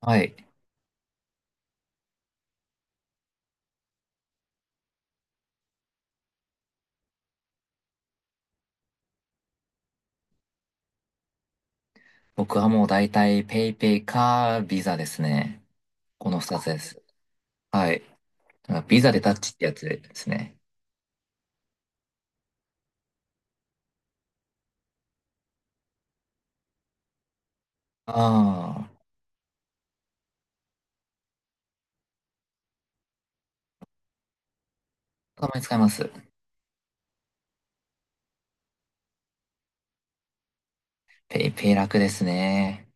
はい。僕はもう大体ペイペイかビザですね。この二つです。はい。ビザでタッチってやつですね。ああ、たまに使います。ペイペイ楽ですね。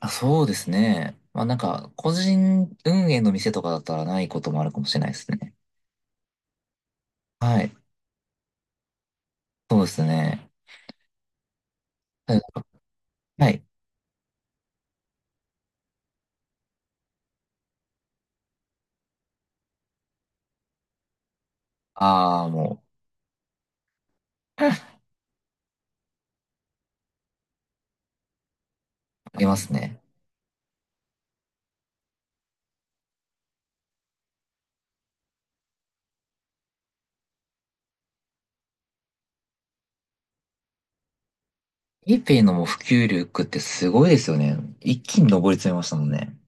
あ、そうですね。まあなんか、個人運営の店とかだったらないこともあるかもしれないですね。はい。そうですね。うん、はい。ああ、もう、ありますね。ペイペイのもう普及力ってすごいですよね。一気に上り詰めましたもんね。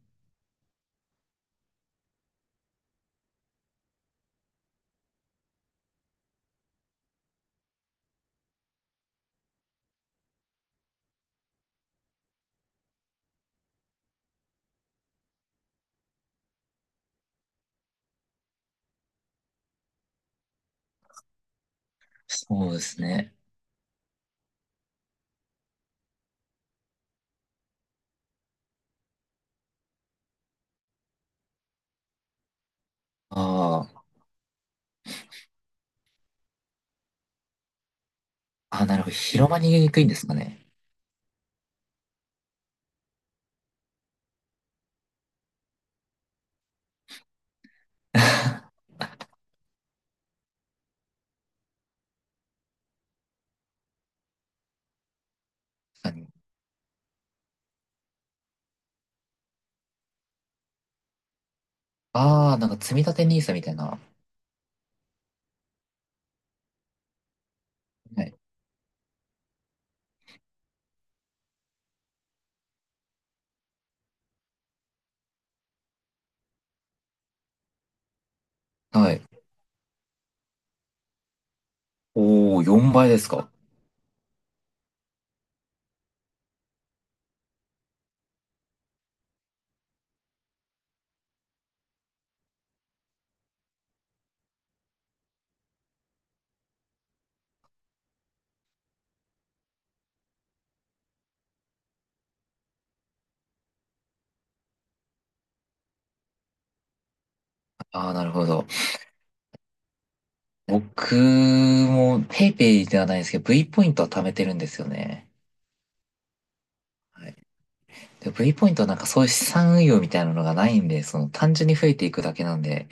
そうですね。ああ。あ、なるほど。広まりにくいんですかね。確かに。ああ、なんか積み立てニー s みたいな。はい。はい。おお、4倍ですか？ああ、なるほど。僕も PayPay ではないんですけど、V ポイントは貯めてるんですよね。はい。で、V ポイントはなんかそういう資産運用みたいなのがないんで、その単純に増えていくだけなんで、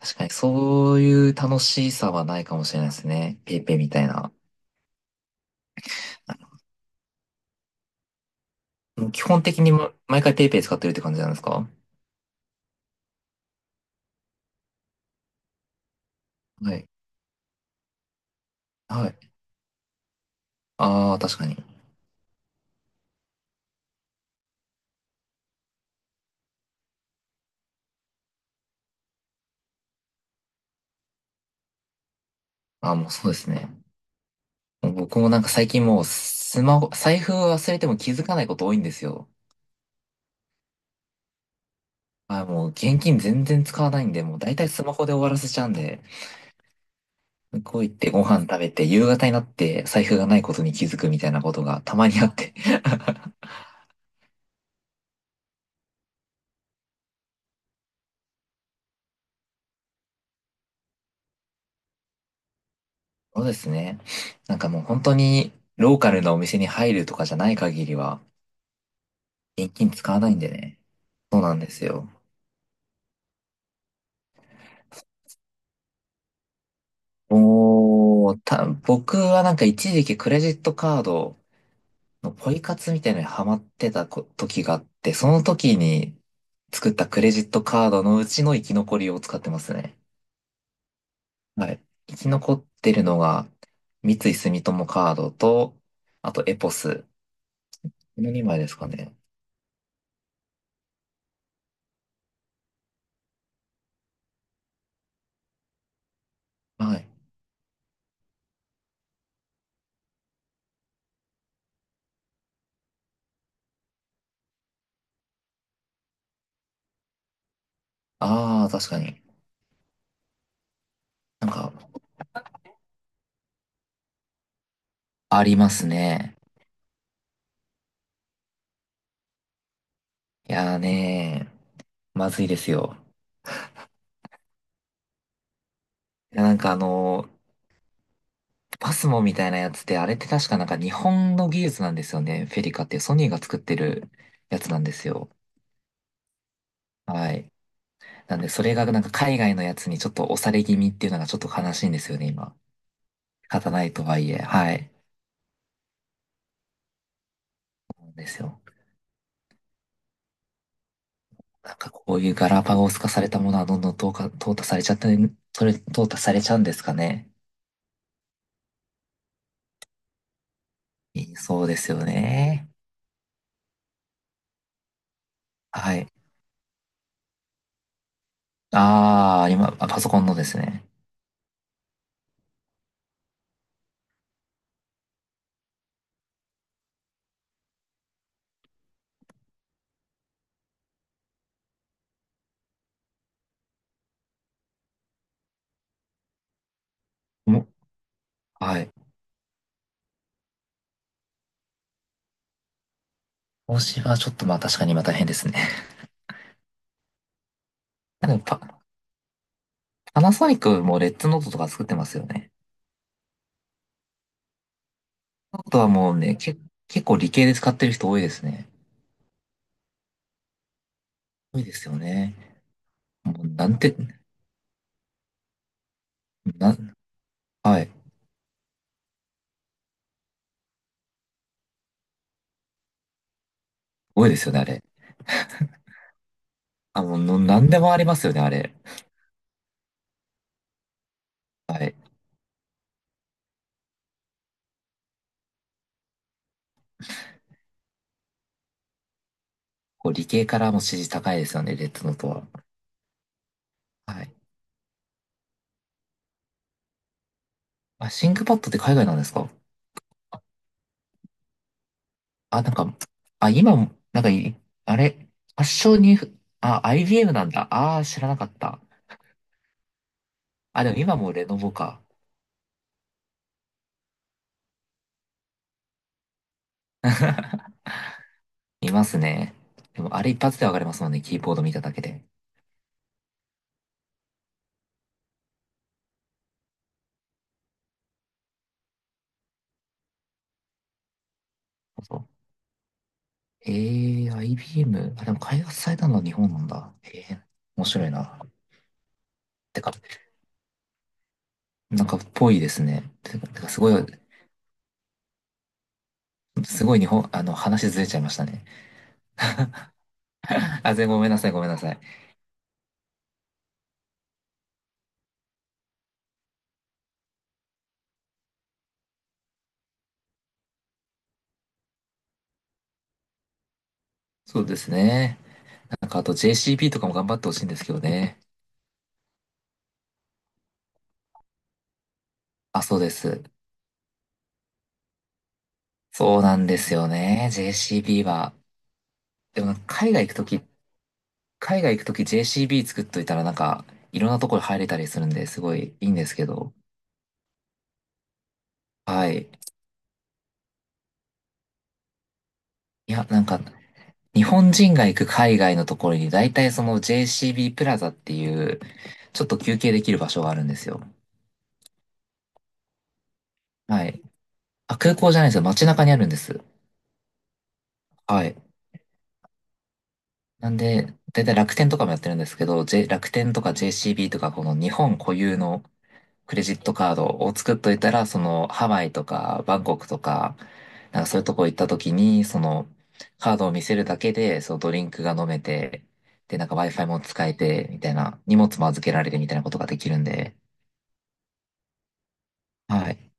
確かにそういう楽しさはないかもしれないですね。PayPay みたいな。基本的にま毎回 PayPay 使ってるって感じなんですか？はい。はい。ああ、確かに。あ、もうそうですね。僕もなんか最近もうスマホ、財布を忘れても気づかないこと多いんですよ。あ、もう現金全然使わないんで、もう大体スマホで終わらせちゃうんで、向こう行ってご飯食べて、夕方になって財布がないことに気づくみたいなことがたまにあって。そうですね。なんかもう本当にローカルなお店に入るとかじゃない限りは、現金使わないんでね。そうなんですよ。もう、僕はなんか一時期クレジットカードポイ活みたいなのにハマってた時があって、その時に作ったクレジットカードのうちの生き残りを使ってますね。はい。生き残ってるのが、三井住友カードと、あとエポス。この2枚ですかね。はい。ああ、確かに。なんか、ありますね。いやーねー、まずいですよ。いや、なんかパスモみたいなやつって、あれって確かなんか日本の技術なんですよね。フェリカっていうソニーが作ってるやつなんですよ。はい。なんで、それがなんか海外のやつにちょっと押され気味っていうのがちょっと悲しいんですよね、今。仕方ないとはいえ、はい。なんですよ。なんかこういうガラパゴス化されたものはどんどん淘汰されちゃって、それ、淘汰されちゃうんですかね。いそうですよね。はい。ああ、今、あパソコンのですね。もはい。投資はちょっとまあ確かに今大変ですね。でもパ、パナソニックもレッツノートとか作ってますよね。ノートはもうね、結構理系で使ってる人多いですね。多いですよね。もうなんて、なん、はい。すごいですよね、あれ。あ、もう、の、なんでもありますよね、あれ。はい。こう、理系からも支持高いですよね、レッドノートは。はい。あ、シンクパッドって海外なんですか？あ、なんか、あ、今も、なんかい、あれ、発祥に、あ、IBM なんだ。ああ、知らなかった。あ、でも今もレノボか。いますね。でも、あれ一発でわかりますもんね、キーボード見ただけで。そうえIBM。あ、でも開発されたのは日本なんだ。えー、面白いな。てか、なんか、ぽいですね。てかすごい、すごい日本、あの、話ずれちゃいましたね。あ、全然ごめんなさい、ごめんなさい。そうですね。なんか、あと JCB とかも頑張ってほしいんですけどね。あ、そうです。そうなんですよね。JCB は。でもなんか、海外行くとき JCB 作っといたら、なんか、いろんなところ入れたりするんで、すごいいいんですけど。はい。いや、なんか、日本人が行く海外のところに、大体その JCB プラザっていう、ちょっと休憩できる場所があるんですよ。はい。あ、空港じゃないですよ。街中にあるんです。はい。なんで、だいたい楽天とかもやってるんですけど、楽天とか JCB とか、この日本固有のクレジットカードを作っといたら、そのハワイとかバンコクとか、なんかそういうとこ行った時に、そのカードを見せるだけで、そのドリンクが飲めて、で、なんか Wi-Fi も使えて、みたいな、荷物も預けられるみたいなことができるんで、はい。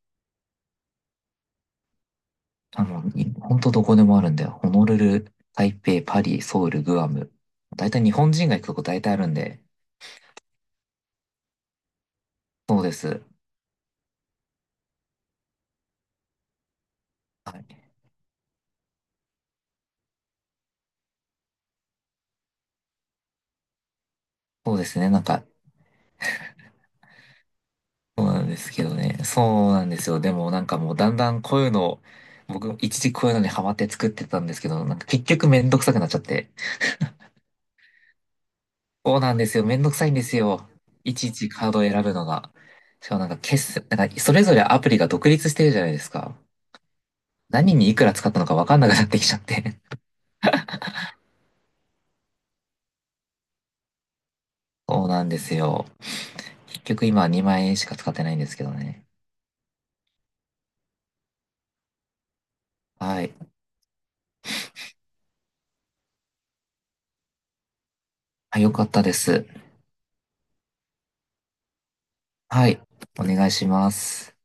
あの、にほんとどこでもあるんだよ。ホノルル、台北、パリ、ソウル、グアム。大体日本人が行くとこ大体あるんで。そうです。はい。そうですね。なんか、そうなんですけどね。そうなんですよ。でもなんかもうだんだんこういうのを、僕一時こういうのにハマって作ってたんですけど、なんか結局めんどくさくなっちゃって。そうなんですよ。めんどくさいんですよ。いちいちカードを選ぶのが。しかもなんか決済、なんかそれぞれアプリが独立してるじゃないですか。何にいくら使ったのかわかんなくなってきちゃって。そうなんですよ。結局今2万円しか使ってないんですけどね。はい。あ、よかったです。はい。お願いします。